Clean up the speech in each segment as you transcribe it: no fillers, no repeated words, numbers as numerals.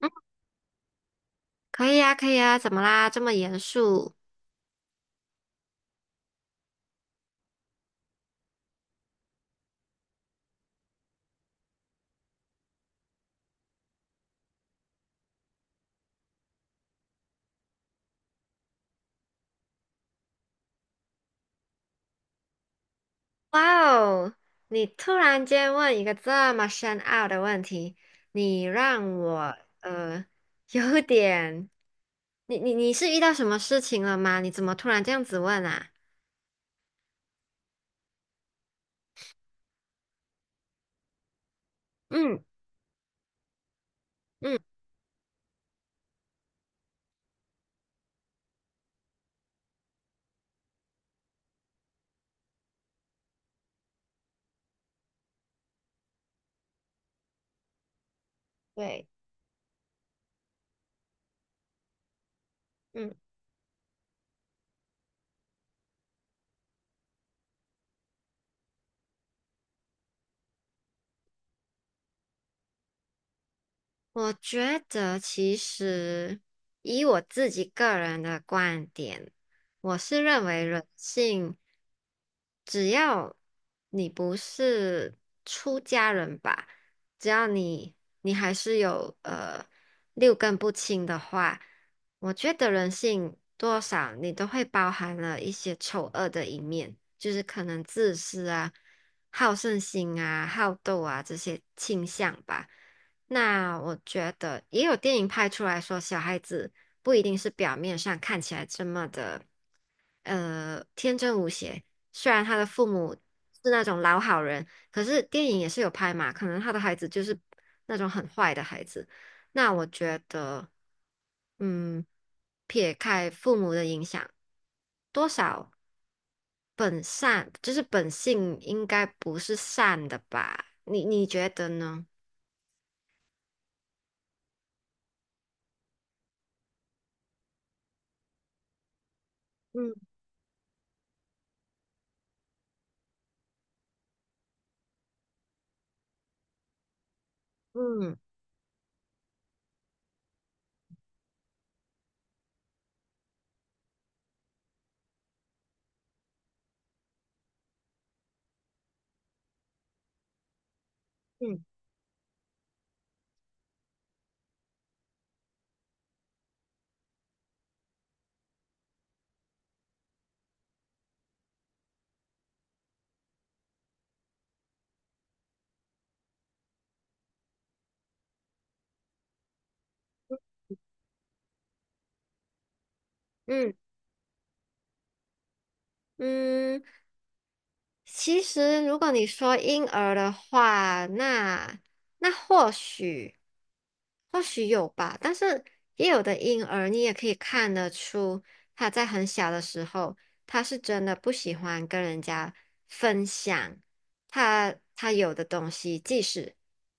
嗯，可以啊，可以啊，怎么啦？这么严肃？哇哦，你突然间问一个这么深奥的问题，你让我有点，你是遇到什么事情了吗？你怎么突然这样子问啊？嗯嗯，对。嗯。我觉得其实以我自己个人的观点，我是认为人性，只要你不是出家人吧，只要你还是有六根不清的话，我觉得人性多少你都会包含了一些丑恶的一面，就是可能自私啊、好胜心啊、好斗啊这些倾向吧。那我觉得也有电影拍出来说，小孩子不一定是表面上看起来这么的，天真无邪。虽然他的父母是那种老好人，可是电影也是有拍嘛，可能他的孩子就是那种很坏的孩子。那我觉得，嗯，撇开父母的影响，多少本善，就是本性应该不是善的吧？你觉得呢？嗯嗯。嗯嗯嗯，其实如果你说婴儿的话，那那或许有吧，但是也有的婴儿你也可以看得出他在很小的时候，他是真的不喜欢跟人家分享他有的东西，即使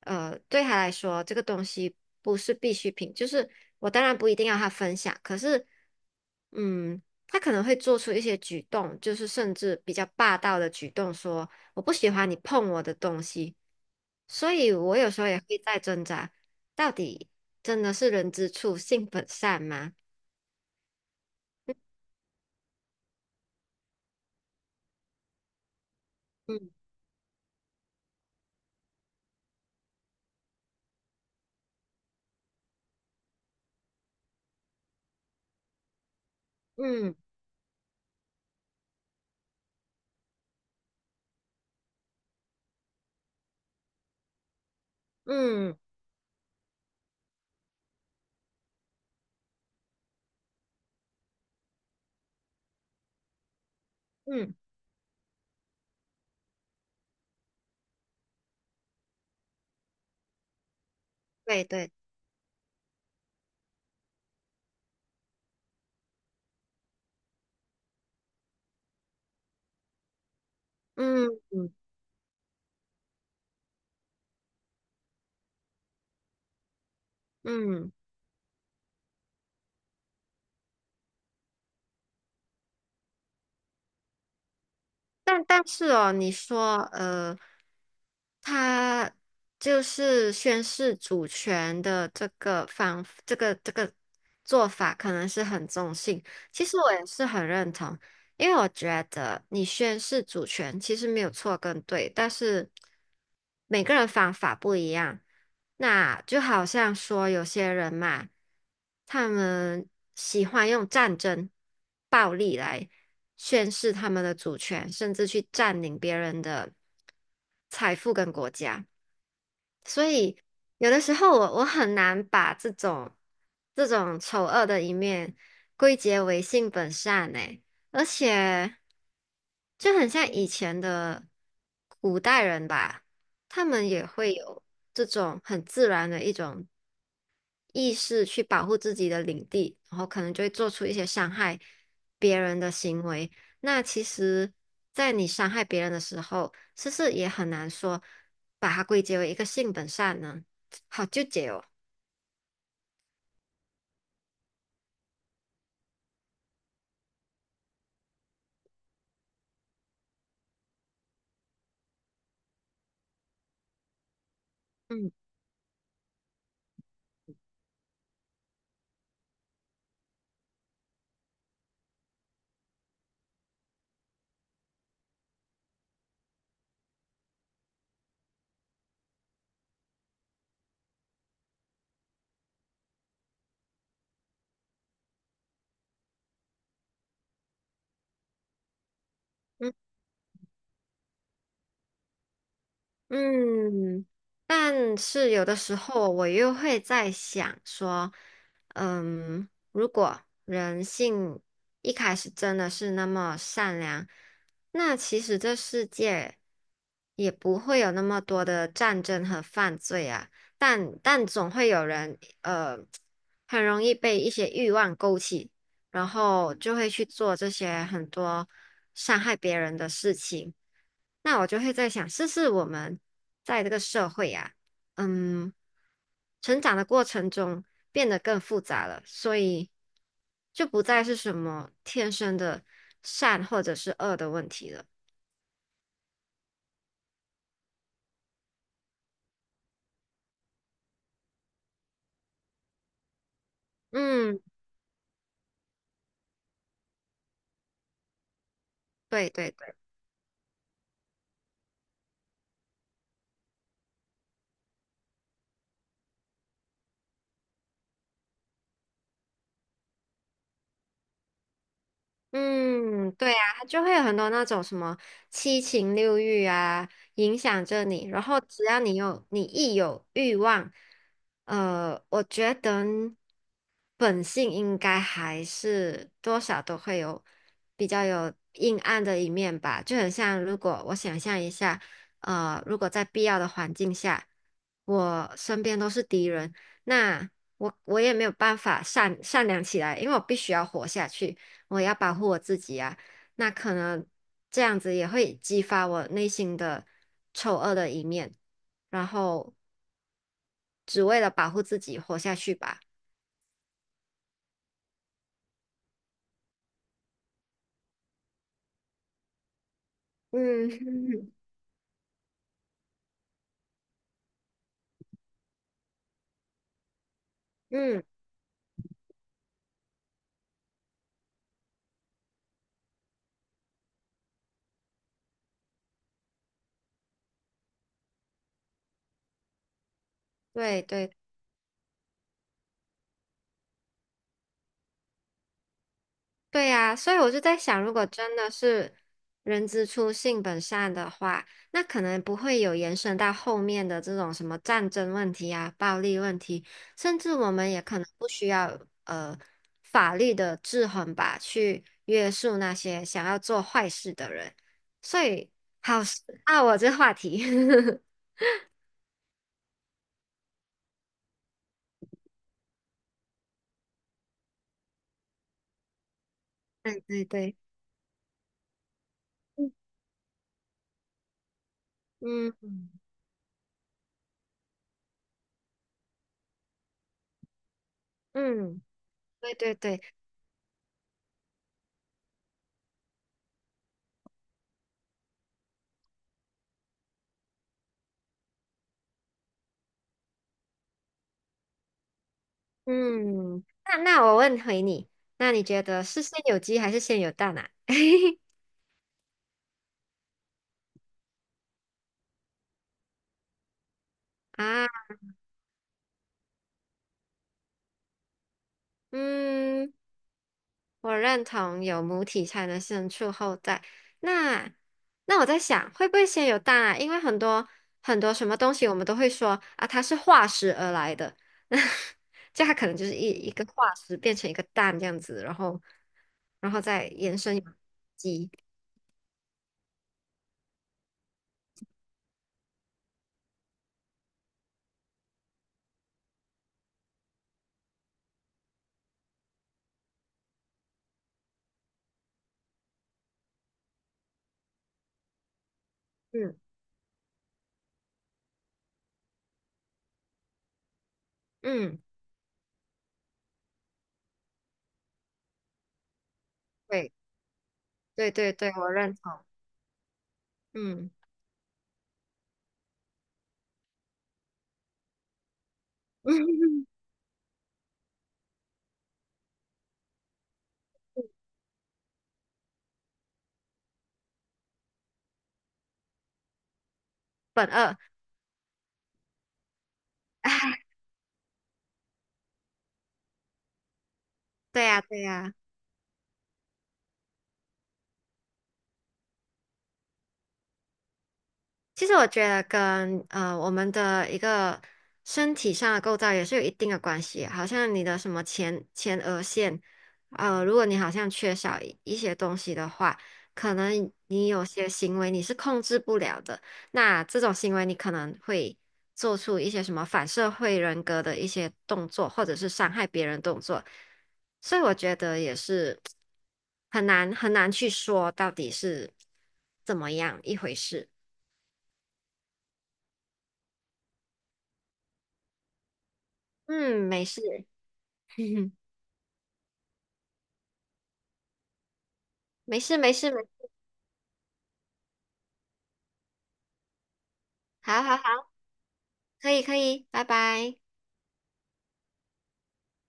对他来说这个东西不是必需品，就是我当然不一定要他分享，可是。嗯，他可能会做出一些举动，就是甚至比较霸道的举动，说我不喜欢你碰我的东西。所以我有时候也会在挣扎，到底真的是人之初性本善吗？嗯嗯嗯嗯，对对，嗯嗯嗯。但但是哦，你说，他就是宣示主权的这个方，这个做法，可能是很中性。其实我也是很认同，因为我觉得你宣示主权其实没有错跟对，但是每个人方法不一样。那就好像说有些人嘛，他们喜欢用战争、暴力来宣示他们的主权，甚至去占领别人的财富跟国家。所以有的时候我很难把这种丑恶的一面归结为性本善诶，而且就很像以前的古代人吧，他们也会有这种很自然的一种意识去保护自己的领地，然后可能就会做出一些伤害别人的行为。那其实，在你伤害别人的时候，是不是也很难说把它归结为一个性本善呢？好纠结哦。嗯嗯，但是有的时候我又会在想说，嗯，如果人性一开始真的是那么善良，那其实这世界也不会有那么多的战争和犯罪啊。但但总会有人，很容易被一些欲望勾起。然后就会去做这些很多伤害别人的事情。那我就会在想，是不是我们在这个社会啊，嗯，成长的过程中变得更复杂了，所以就不再是什么天生的善或者是恶的问题了。嗯，对对。嗯，对啊，它就会有很多那种什么七情六欲啊，影响着你。然后只要你有，你一有欲望，我觉得本性应该还是多少都会有比较有阴暗的一面吧。就很像，如果我想象一下，如果在必要的环境下，我身边都是敌人，那我也没有办法善良起来，因为我必须要活下去。我要保护我自己啊，那可能这样子也会激发我内心的丑恶的一面，然后只为了保护自己活下去吧。嗯 嗯，对对。对呀，所以我就在想，如果真的是人之初性本善的话，那可能不会有延伸到后面的这种什么战争问题啊、暴力问题，甚至我们也可能不需要法律的制衡吧，去约束那些想要做坏事的人。所以，好深啊，我这话题。对对对，嗯嗯，对对对。嗯，那那我问回你，那你觉得是先有鸡还是先有蛋啊？啊，嗯，我认同有母体才能生出后代。那那我在想，会不会先有蛋啊？因为很多什么东西，我们都会说啊，它是化石而来的，那就它可能就是一个化石变成一个蛋这样子，然后然后再延伸有鸡。嗯嗯，对对对对，我认同。嗯。本二，哎，对呀，对呀，其实我觉得跟我们的一个身体上的构造也是有一定的关系，好像你的什么前额线，如果你好像缺少一些东西的话，可能你有些行为你是控制不了的，那这种行为你可能会做出一些什么反社会人格的一些动作，或者是伤害别人动作，所以我觉得也是很难去说到底是怎么样一回事。嗯，没事，没事，没事，没，好好好，可以，可以，拜拜。